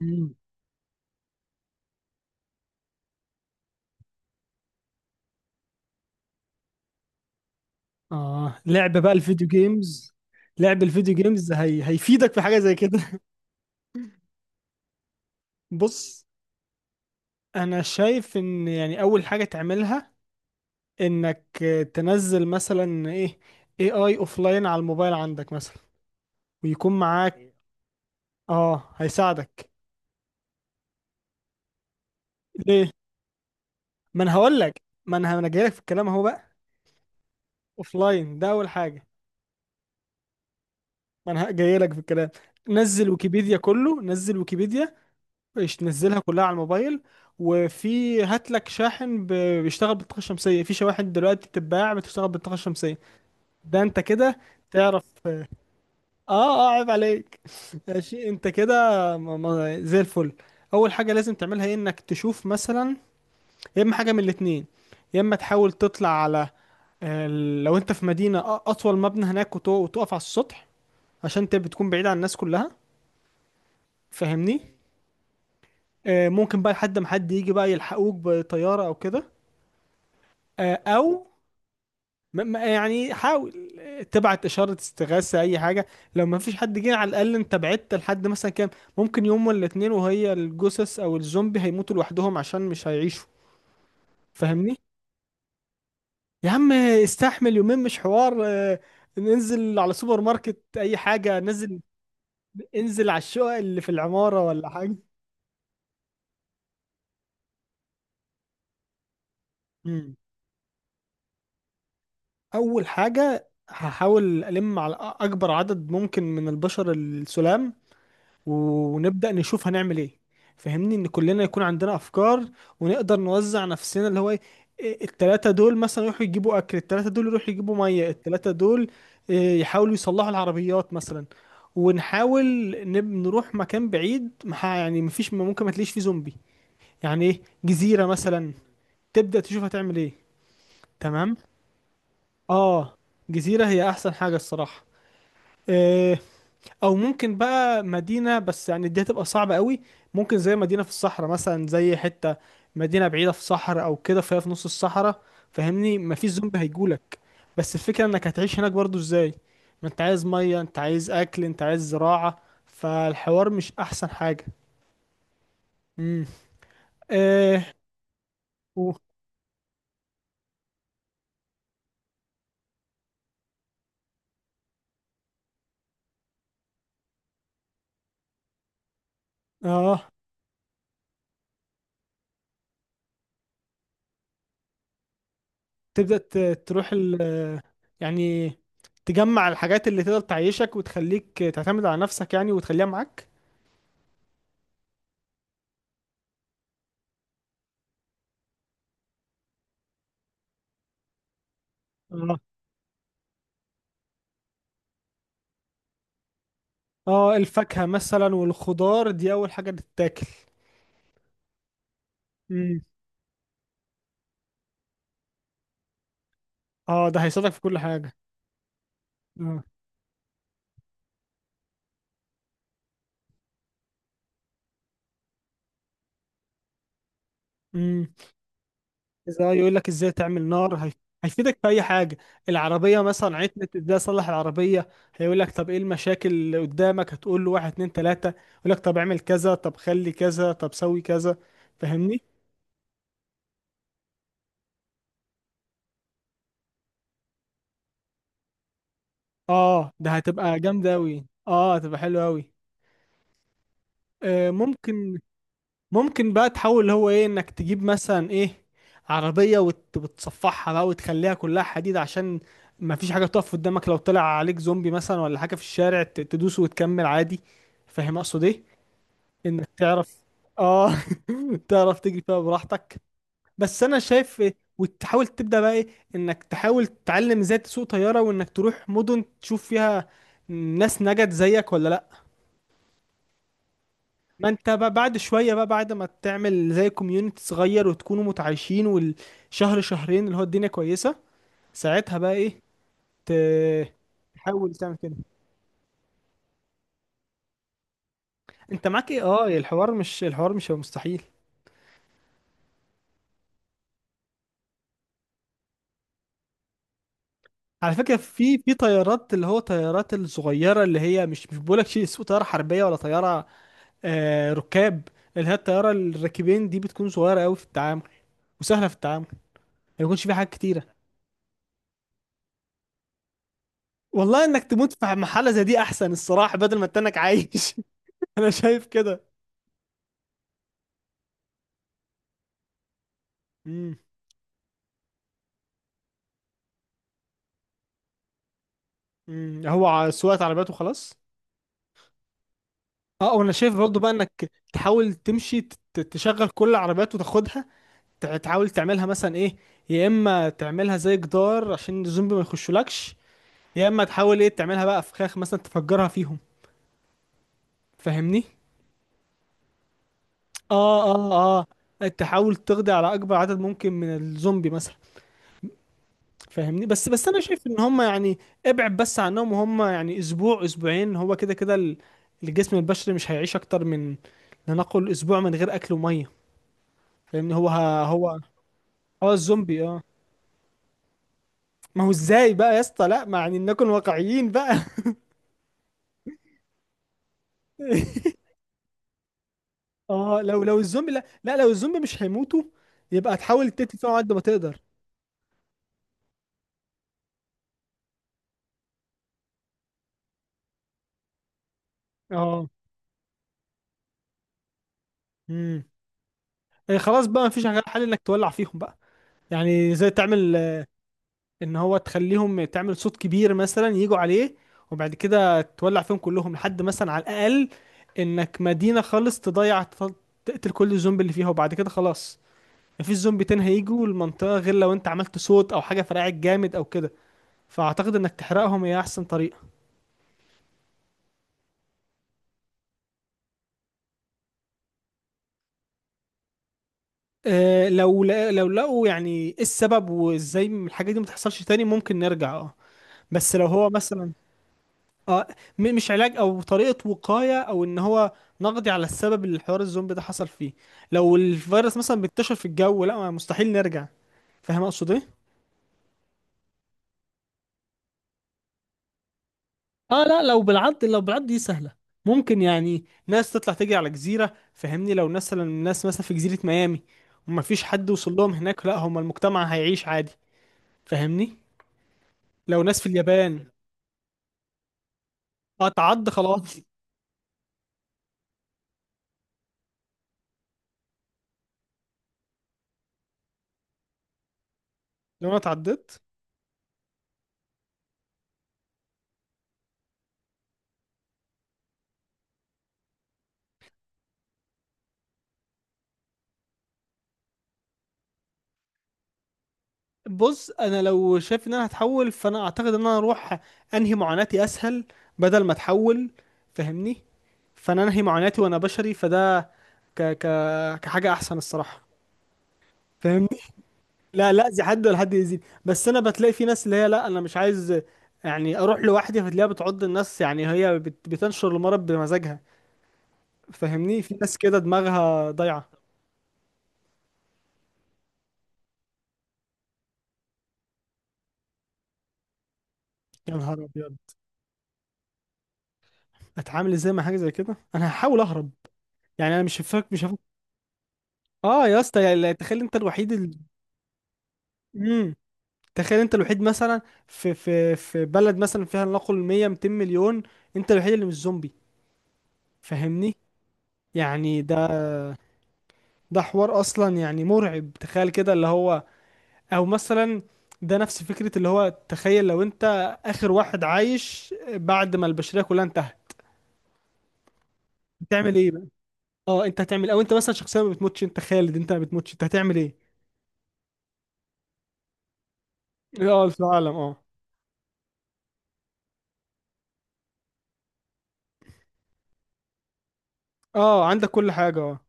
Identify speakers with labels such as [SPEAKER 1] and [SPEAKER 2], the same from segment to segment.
[SPEAKER 1] مم. اه لعب بقى الفيديو جيمز لعب الفيديو جيمز هيفيدك في حاجة زي كده بص، انا شايف ان يعني اول حاجة تعملها انك تنزل مثلا ايه اي اوفلاين على الموبايل عندك مثلا ويكون معاك. اه هيساعدك. ليه؟ ما انا هقول لك، ما انا جاي لك في الكلام اهو بقى. اوفلاين ده اول حاجة. ما انا جاي لك في الكلام، نزل ويكيبيديا كله، نزل ويكيبيديا. إيش تنزلها كلها على الموبايل. وفي، هات لك شاحن بيشتغل بالطاقة الشمسية. في شواحن دلوقتي بتتباع بتشتغل بالطاقة الشمسية. ده انت كده تعرف، اه. اه، عيب عليك ماشي انت كده زي الفل. اول حاجة لازم تعملها ايه، انك تشوف مثلا، يا اما حاجة من الاتنين. يا اما تحاول تطلع على آه، لو انت في مدينة اطول مبنى هناك، وتقف على السطح، عشان انت بتكون بعيد عن الناس كلها. فاهمني؟ ممكن بقى لحد ما حد يجي بقى يلحقوك بطيارة او كده. او يعني حاول تبعت اشاره استغاثه، اي حاجه. لو ما فيش حد جه، على الاقل انت بعدت لحد مثلا كام، ممكن يوم ولا اتنين، وهي الجثث او الزومبي هيموتوا لوحدهم عشان مش هيعيشوا. فاهمني؟ يا عم استحمل يومين، مش حوار. ننزل على سوبر ماركت، اي حاجه، نزل انزل على الشقق اللي في العماره ولا حاجه. مم. اول حاجه هحاول الم على اكبر عدد ممكن من البشر السلام، ونبدأ نشوف هنعمل ايه. فهمني، ان كلنا يكون عندنا افكار، ونقدر نوزع نفسنا اللي هو ايه. التلاتة دول مثلا يروحوا يجيبوا اكل، التلاتة دول يروحوا يجيبوا مية، التلاتة دول يحاولوا يصلحوا العربيات مثلا. ونحاول نروح مكان بعيد يعني مفيش، ممكن ما تلاقيش فيه زومبي. يعني ايه، جزيرة مثلا. تبدأ تشوف هتعمل ايه. تمام. اه جزيرة هي احسن حاجة الصراحة. آه، او ممكن بقى مدينه، بس يعني دي هتبقى صعبه قوي. ممكن زي مدينه في الصحراء مثلا، زي حته مدينه بعيده في صحراء او كده، فهي في نص الصحراء. فاهمني؟ مفيش زومبي هيجولك. بس الفكره انك هتعيش هناك برضو ازاي؟ ما انت عايز ميه، انت عايز اكل، انت عايز زراعه، فالحوار مش احسن حاجه. امم. اه. و... اه تبدا ت- تروح يعني تجمع الحاجات اللي تقدر تعيشك وتخليك تعتمد على نفسك يعني، وتخليها معاك. اه الفاكهة مثلا والخضار دي أول حاجة تتاكل. امم. اه ده هيساعدك في كل حاجة. اه. امم. إذا يقول لك ازاي تعمل نار، هيفيدك في أي حاجة. العربية مثلا عطلت، ازاي أصلح العربية؟ هيقول لك طب إيه المشاكل اللي قدامك، هتقول له واحد اتنين تلاتة، يقول لك طب اعمل كذا طب خلي كذا طب سوي كذا. فاهمني؟ اه ده هتبقى جامدة أوي، اه هتبقى حلوة أوي. آه ممكن. ممكن بقى تحاول اللي هو ايه، انك تجيب مثلا ايه، عربية وتصفحها بقى وتخليها كلها حديد، عشان ما فيش حاجة تقف قدامك. لو طلع عليك زومبي مثلا ولا حاجة في الشارع، تدوس وتكمل عادي. فاهم اقصد ايه؟ انك تعرف، اه تعرف تجري فيها براحتك. بس انا شايف وتحاول تبدأ بقى ايه، انك تحاول تتعلم ازاي تسوق طيارة، وانك تروح مدن تشوف فيها ناس نجت زيك ولا لا. ما انت بقى بعد شوية بقى، بعد ما تعمل زي كوميونيتي صغير وتكونوا متعايشين، والشهر شهرين اللي هو الدنيا كويسة، ساعتها بقى ايه، ت- تحاول تعمل كده. انت معاك ايه، اه الحوار مش، الحوار مش هيبقى مستحيل. على فكرة في، طيارات اللي هو طيارات الصغيرة، اللي هي مش بقولك شيء اسمه طيارة حربية ولا طيارة، آه ركاب. اللي هي الطيارة الراكبين دي بتكون صغيرة قوي في التعامل، وسهلة في التعامل، ما يكونش فيها حاجات كتيرة. والله انك تموت في محلة زي دي احسن الصراحة، بدل ما تنك عايش انا شايف كده. امم. أمم. هو سواقة عربيات وخلاص. اه وانا شايف برضو بقى انك تحاول تمشي تشغل كل العربيات وتاخدها، تحاول تعملها مثلا ايه، يا اما تعملها زي جدار عشان الزومبي ما يخشولكش، يا اما تحاول ايه تعملها بقى فخاخ مثلا تفجرها فيهم. فاهمني؟ اه. اه اه تحاول تقضي على اكبر عدد ممكن من الزومبي مثلا. فاهمني؟ بس انا شايف ان هم يعني ابعد بس عنهم، وهم يعني اسبوع اسبوعين هو كده كده. الجسم البشري مش هيعيش اكتر من، لنقل، اسبوع من غير اكل وميه. فاهمني؟ هو هو اه الزومبي، اه. ما هو ازاي بقى يا اسطى، لا ما يعني نكون واقعيين بقى اه لو، الزومبي، لا لا، لو الزومبي مش هيموتوا، يبقى تحاول تقتل فيهم على قد ما تقدر. اه. امم. خلاص بقى، مفيش غير حل انك تولع فيهم بقى. يعني زي تعمل ان هو تخليهم، تعمل صوت كبير مثلا يجوا عليه، وبعد كده تولع فيهم كلهم. لحد مثلا على الاقل انك مدينة خالص تضيع، تقتل كل الزومبي اللي فيها، وبعد كده خلاص مفيش زومبي تاني هيجوا المنطقة غير لو انت عملت صوت او حاجة فرقعت جامد او كده. فاعتقد انك تحرقهم هي احسن طريقة. أه لو، لا لو لقوا يعني ايه السبب، وازاي الحاجة دي متحصلش تاني، ممكن نرجع اه. بس لو هو مثلا، اه، مش علاج، او طريقه وقايه، او ان هو نقضي على السبب اللي الحوار الزومبي ده حصل فيه. لو الفيروس مثلا بينتشر في الجو، لا، مستحيل نرجع. فاهم اقصد ايه؟ اه لا لو بالعض، لو بالعض دي سهله. ممكن يعني ناس تطلع تجري على جزيره. فهمني؟ لو مثلا الناس مثلا في جزيره ميامي، وما فيش حد وصل لهم هناك، لا هم المجتمع هيعيش عادي. فاهمني؟ لو ناس في اليابان، اه تعض خلاص لو انا اتعضت، بص انا لو شايف ان انا هتحول، فانا اعتقد ان انا اروح انهي معاناتي اسهل، بدل ما اتحول. فاهمني؟ فانا انهي معاناتي وانا بشري، فده ك ك كحاجه احسن الصراحه. فاهمني؟ لا لا، زي حد ولا حد يزيد، بس انا بتلاقي في ناس اللي هي لا، انا مش عايز يعني اروح لوحدي، فتلاقيها بتعض الناس، يعني هي بتنشر المرض بمزاجها. فاهمني؟ في ناس كده دماغها ضايعه. يا نهار ابيض، اتعامل ازاي مع حاجه زي كده؟ انا هحاول اهرب. يعني انا مش هفك مش اه يا اسطى، يعني تخيل انت الوحيد مم. تخيل انت الوحيد مثلا في، في بلد مثلا فيها لنقل 100 200 مليون، انت الوحيد اللي مش زومبي. فاهمني؟ يعني ده، حوار اصلا يعني مرعب تخيل كده اللي هو. او مثلا ده نفس فكرة اللي هو تخيل لو انت اخر واحد عايش بعد ما البشرية كلها انتهت، بتعمل ايه بقى؟ اه انت هتعمل، او انت مثلا شخصيا ما بتموتش، انت خالد، انت ما بتموتش، انت هتعمل ايه؟ اه في العالم. اه. اه عندك كل حاجة، اه.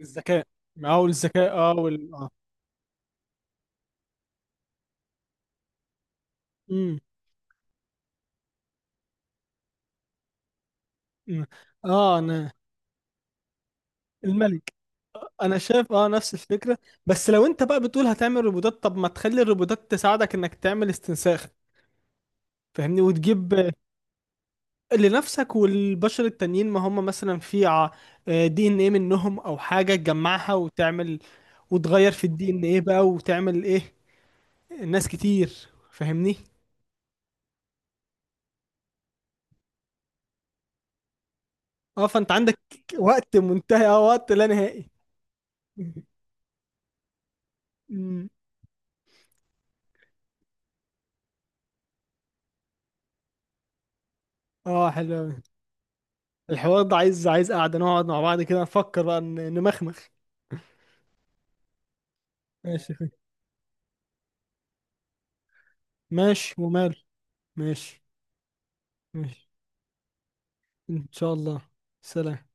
[SPEAKER 1] الذكاء. او الذكاء، اه وال اه امم. أمم. اه انا الملك. انا شايف اه نفس الفكره. بس لو انت بقى بتقول هتعمل روبوتات، طب ما تخلي الروبوتات تساعدك انك تعمل استنساخ. فاهمني؟ وتجيب لنفسك والبشر التانيين، ما هم مثلا في، دي ان ايه منهم او حاجه تجمعها وتعمل، وتغير في الدي ان ايه بقى، وتعمل ايه، ناس كتير. فاهمني؟ اه فانت عندك وقت منتهي، اه وقت لا نهائي أمم. اه حلو أوي. الحوار ده عايز، عايز قعدة نقعد مع بعض كده نفكر بقى، نمخمخ. ماشي يا أخوي. ماشي ومال. ماشي. ماشي. إن شاء الله. سلام.